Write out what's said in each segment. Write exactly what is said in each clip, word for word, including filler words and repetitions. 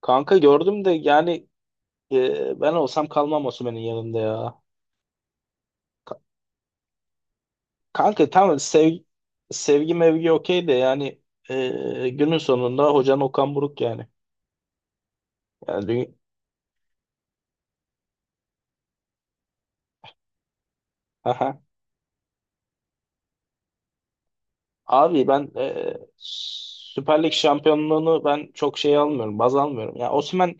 Kanka gördüm de yani, e, ben olsam kalmam Osimhen'in yanında ya. Ka- Kanka tamam sevgi, sevgi mevgi okey de yani, e, günün sonunda hocan Okan Buruk yani. Yani dü- Aha. Abi ben, e, Süper Lig şampiyonluğunu ben çok şey almıyorum, baz almıyorum. Ya yani,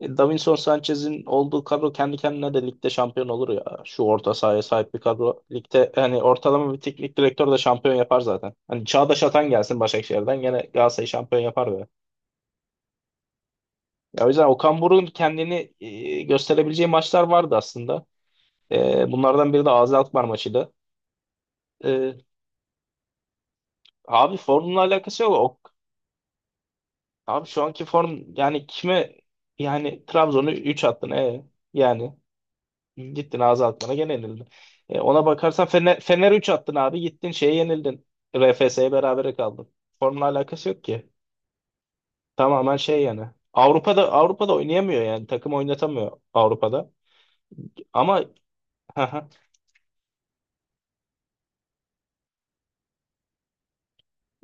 E, Davinson Sanchez'in olduğu kadro kendi kendine de ligde şampiyon olur ya. Şu orta sahaya sahip bir kadro. Ligde hani ortalama bir teknik direktör de şampiyon yapar zaten. Hani Çağdaş Atan gelsin Başakşehir'den gene Galatasaray şampiyon yapar be. Ya o yüzden Okan Buruk'un kendini, e, gösterebileceği maçlar vardı aslında. E, bunlardan biri de Azi Alkmaar maçıydı. E, Abi formla alakası yok. O, abi şu anki form yani kime, yani Trabzon'u üç attın, e yani gittin ağza atmana gene yenildin. E, ona bakarsan Fener, Fener üç attın abi, gittin şeye yenildin. R F S'ye berabere kaldın. Formla alakası yok ki. Tamamen şey yani. Avrupa'da Avrupa'da oynayamıyor, yani takım oynatamıyor Avrupa'da. Ama hı hı.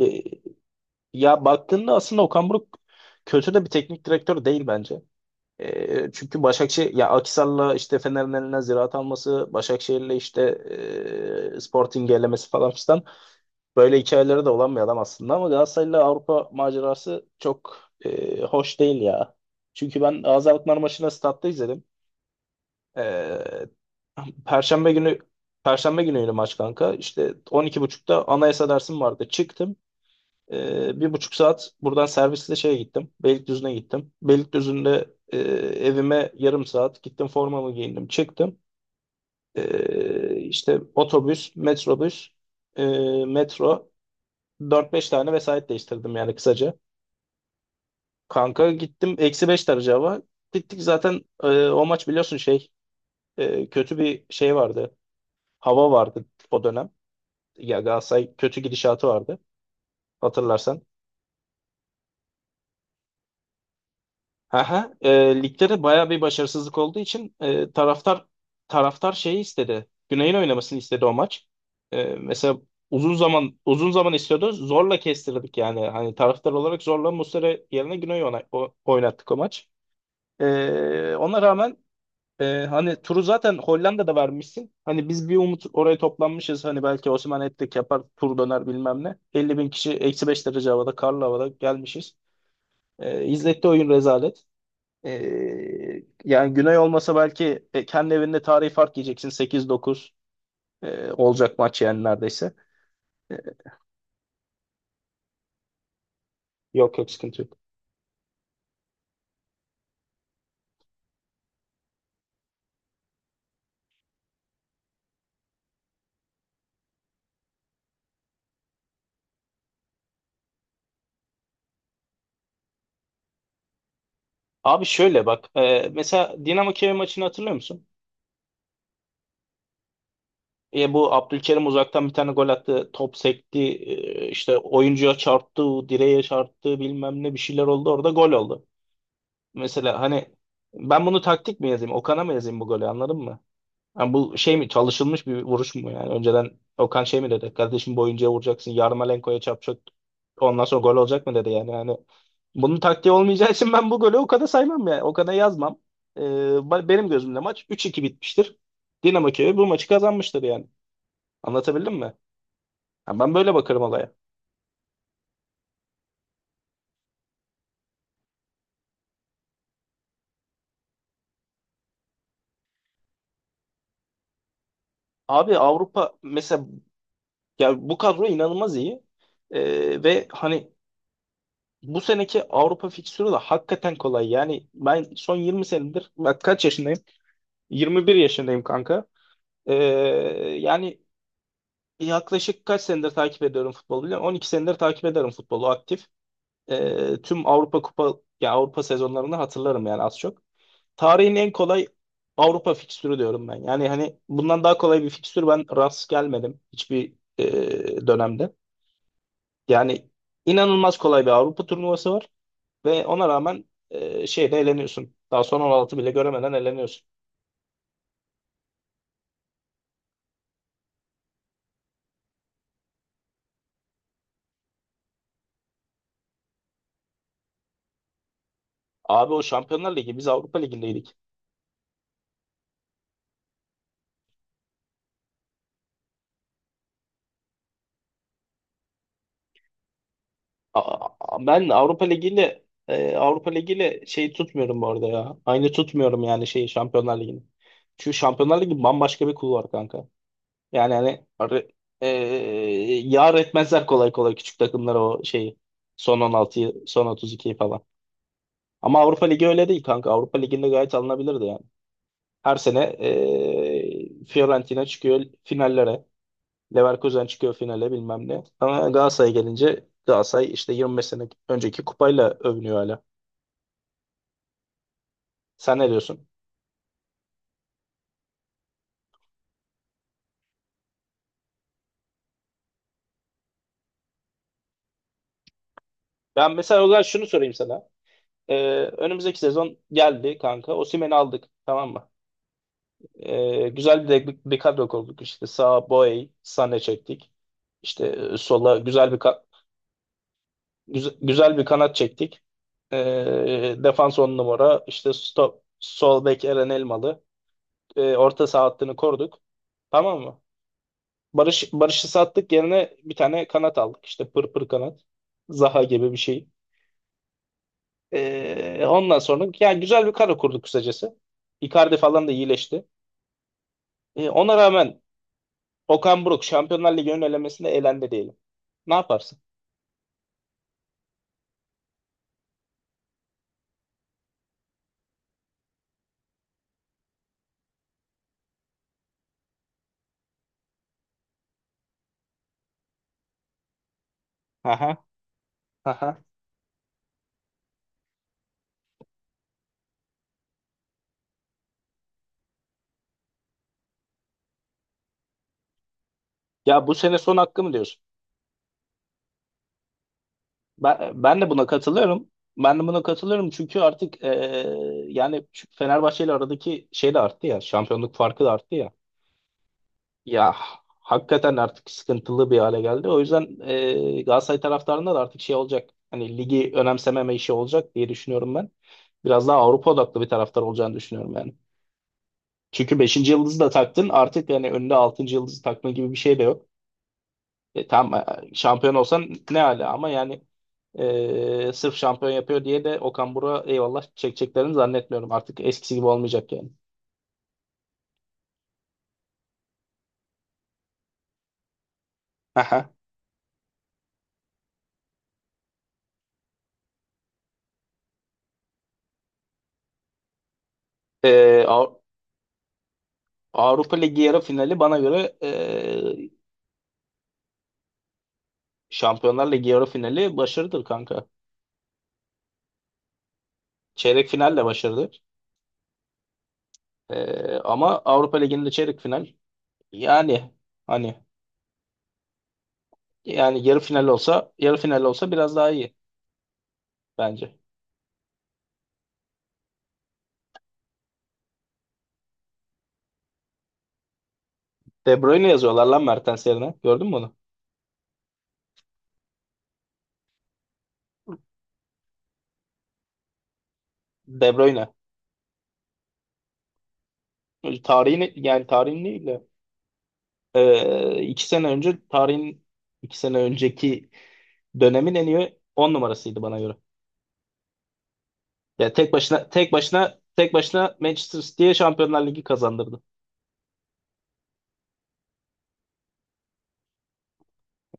E, Ya baktığında aslında Okan Buruk kötü de bir teknik direktör değil bence. E, çünkü Başakşehir ya Akhisar'la işte Fener'in eline Ziraat alması, Başakşehir'le işte, e, Sporting elemesi falan filan. Böyle hikayeleri de olan bir adam aslında ama Galatasaray'la Avrupa macerası çok, e, hoş değil ya. Çünkü ben Gaziantep maçını statta izledim. E, Perşembe günü Perşembe günüydü maç kanka. İşte on iki buçukta anayasa dersim vardı. Çıktım. E, bir buçuk saat buradan servisle şeye gittim. Beylikdüzü'ne gittim. Beylikdüzü'nde, e, evime yarım saat gittim, formamı giyindim. Çıktım. E, işte otobüs, metrobüs, e, metro. Dört beş tane vesait değiştirdim yani kısaca. Kanka gittim, eksi beş derece hava. Gittik zaten, e, o maç biliyorsun şey, e, kötü bir şey vardı. Hava vardı o dönem. Ya Galatasaray kötü gidişatı vardı hatırlarsan. Aha, e, ligde de baya bir başarısızlık olduğu için, e, taraftar taraftar şeyi istedi. Güney'in oynamasını istedi o maç. E, mesela uzun zaman, uzun zaman istiyordu. Zorla kestirdik yani. Hani taraftar olarak zorla Muslera yerine Güney'i ona- o- oynattık o maç. Ee, ona rağmen, e, hani turu zaten Hollanda'da vermişsin. Hani biz bir umut oraya toplanmışız. Hani belki Osimhen hat yapar, tur döner bilmem ne. elli bin kişi eksi beş derece havada, karlı havada gelmişiz. Ee, izletti oyun rezalet. Ee, Yani Güney olmasa belki, e, kendi evinde tarihi fark yiyeceksin. Sekiz dokuz, e, olacak maç yani neredeyse. Yok, yok, sıkıntı yok. Abi şöyle bak. E, mesela Dinamo Kiev maçını hatırlıyor musun? E bu Abdülkerim uzaktan bir tane gol attı. Top sekti, e, işte oyuncuya çarptı. Direğe çarptı. Bilmem ne bir şeyler oldu. Orada gol oldu. Mesela hani ben bunu taktik mi yazayım, Okan'a mı yazayım bu golü, anladın mı? Yani bu şey mi, çalışılmış bir vuruş mu yani? Önceden Okan şey mi dedi? Kardeşim bu oyuncuya vuracaksın, Yarmolenko'ya çarpacak, ondan sonra gol olacak mı dedi yani. Yani bunun taktiği olmayacağı için ben bu golü Okan'a saymam yani. Okan'a yazmam. E, ba- benim gözümde maç üç iki bitmiştir. Dinamo Kiev bu maçı kazanmıştır yani. Anlatabildim mi? Ha, ben böyle bakarım olaya. Abi Avrupa mesela, ya bu kadro inanılmaz iyi. Ee, ve hani bu seneki Avrupa fikstürü de hakikaten kolay. Yani ben son yirmi senedir, bak kaç yaşındayım? yirmi bir yaşındayım kanka. Ee, Yani yaklaşık kaç senedir takip ediyorum futbolu, biliyor musun? on iki senedir takip ederim futbolu aktif. Ee, tüm Avrupa Kupa, ya Avrupa sezonlarını hatırlarım yani az çok. Tarihin en kolay Avrupa fikstürü diyorum ben. Yani hani bundan daha kolay bir fikstür ben rast gelmedim hiçbir, e, dönemde. Yani inanılmaz kolay bir Avrupa turnuvası var ve ona rağmen, e, şeyde eleniyorsun. Daha son on altı bile göremeden eleniyorsun. Abi o Şampiyonlar Ligi, biz Avrupa Ligi'ndeydik. Aa, ben Avrupa Ligi'yle, e, Avrupa Ligi'yle şey tutmuyorum bu arada ya. Aynı tutmuyorum yani şeyi, Şampiyonlar Ligi'ni. Çünkü Şampiyonlar Ligi bambaşka bir kulvar kanka. Yani hani ar- eee yar etmezler kolay kolay küçük takımlara o şeyi. Son on altıyı, son otuz ikiyi falan. Ama Avrupa Ligi öyle değil kanka. Avrupa Ligi'nde gayet alınabilirdi yani. Her sene eee, Fiorentina çıkıyor finallere. Leverkusen çıkıyor finale bilmem ne. Ama Galatasaray'a gelince Galatasaray işte yirmi beş sene önceki kupayla övünüyor hala. Sen ne diyorsun? Ben mesela o zaman şunu sorayım sana. Eee, Önümüzdeki sezon geldi kanka. Osimhen'i aldık, tamam mı? E, güzel bir, bir kadro kurduk. İşte sağa Boey, Sané çektik. İşte e, sola güzel bir ka- güze- güzel bir kanat çektik. E, defans on numara. İşte stop, sol bek Eren Elmalı. E, orta saha hattını koruduk. Tamam mı? Barış Barış'ı sattık, yerine bir tane kanat aldık. İşte pır pır kanat. Zaha gibi bir şey. E, ondan sonra yani güzel bir kadro kurduk kısacası. Icardi falan da iyileşti. E, ona rağmen Okan Buruk Şampiyonlar Ligi'nin elemesinde elendi diyelim. Ne yaparsın? Aha, aha. Ya bu sene son hakkı mı diyorsun? Ben, ben de buna katılıyorum. Ben de buna katılıyorum çünkü artık, eee, yani şu Fenerbahçe ile aradaki şey de arttı ya. Şampiyonluk farkı da arttı ya. Ya hakikaten artık sıkıntılı bir hale geldi. O yüzden eee Galatasaray taraftarında da artık şey olacak. Hani ligi önemsememe işi olacak diye düşünüyorum ben. Biraz daha Avrupa odaklı bir taraftar olacağını düşünüyorum yani. Çünkü beşinci yıldızı da taktın artık, yani önüne altıncı yıldızı takma gibi bir şey de yok. E, tamam, e, şampiyon olsan ne hala ama yani, e, sırf şampiyon yapıyor diye de Okan Buruk'a eyvallah çekeceklerini zannetmiyorum. Artık eskisi gibi olmayacak yani. Aha. E, Av- Avrupa Ligi yarı finali bana göre, e, Şampiyonlar Ligi yarı finali başarıdır kanka. Çeyrek final de başarıdır. E, ama Avrupa Ligi'nin de çeyrek final yani, hani yani yarı final olsa, yarı final olsa biraz daha iyi bence. De Bruyne yazıyorlar lan Mertens yerine. Gördün mü onu? De Bruyne. Tarihin yani, tarihin değil de, e, iki sene önce tarihin, iki sene önceki dönemin en iyi on numarasıydı bana göre. Ya tek başına, tek başına, tek başına Manchester City'ye Şampiyonlar Ligi kazandırdı.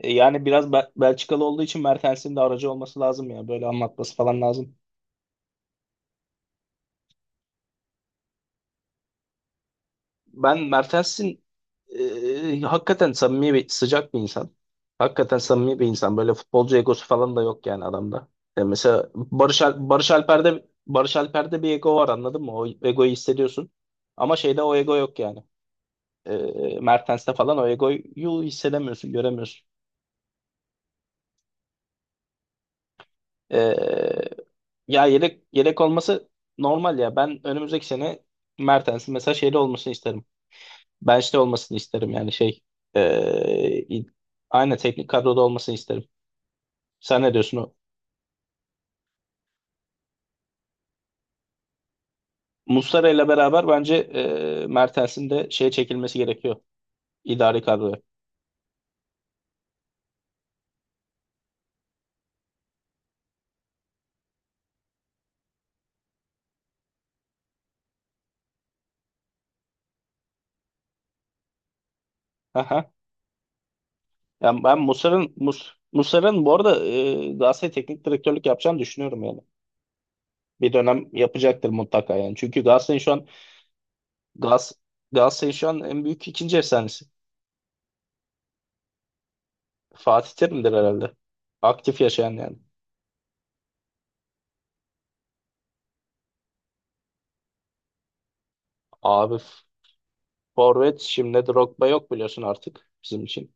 E, yani biraz Bel- Belçikalı olduğu için Mertens'in de aracı olması lazım ya. Böyle anlatması falan lazım. Ben Mertens'in, e, hakikaten samimi bir, sıcak bir insan. Hakikaten samimi bir insan. Böyle futbolcu egosu falan da yok yani adamda. E, mesela Barış, Al- Barış Alper'de Barış Alper'de bir ego var, anladın mı? O egoyu hissediyorsun. Ama şeyde o ego yok yani. E, Mertens'te falan o egoyu hissedemiyorsun, göremiyorsun. E, Ya yedek yedek olması normal ya. Ben önümüzdeki sene Mertens'in mesela şeyde olmasını isterim. Bench'te olmasını isterim yani şey. E, aynen teknik kadroda olmasını isterim. Sen ne diyorsun, o? Muslera ile beraber bence, e, Mertens'in de şeye çekilmesi gerekiyor. İdari kadroya. Aha. Yani ben Muslera'nın Mus Muslera'nın bu arada, e, Galatasaray teknik direktörlük yapacağını düşünüyorum yani. Bir dönem yapacaktır mutlaka yani. Çünkü Galatasaray'ın şu an Gas Galatasaray'ın şu an en büyük ikinci efsanesi. Fatih Terim'dir herhalde. Aktif yaşayan yani. Abi forvet şimdi Drogba yok biliyorsun artık bizim için.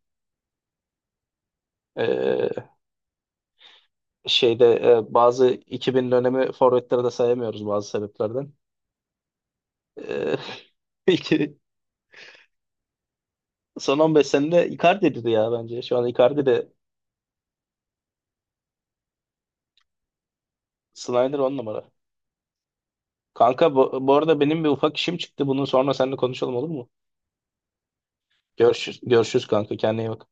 E, Şeyde, e, bazı iki bin dönemi forvetleri de sayamıyoruz bazı sebeplerden. E, iki- Son on beş senede Icardi'dir ya bence. Şu an Icardi de Snyder on numara. Kanka bu, bu arada benim bir ufak işim çıktı. Bunun sonra seninle konuşalım, olur mu? Görüşürüz, görüşürüz kanka. Kendine iyi bak.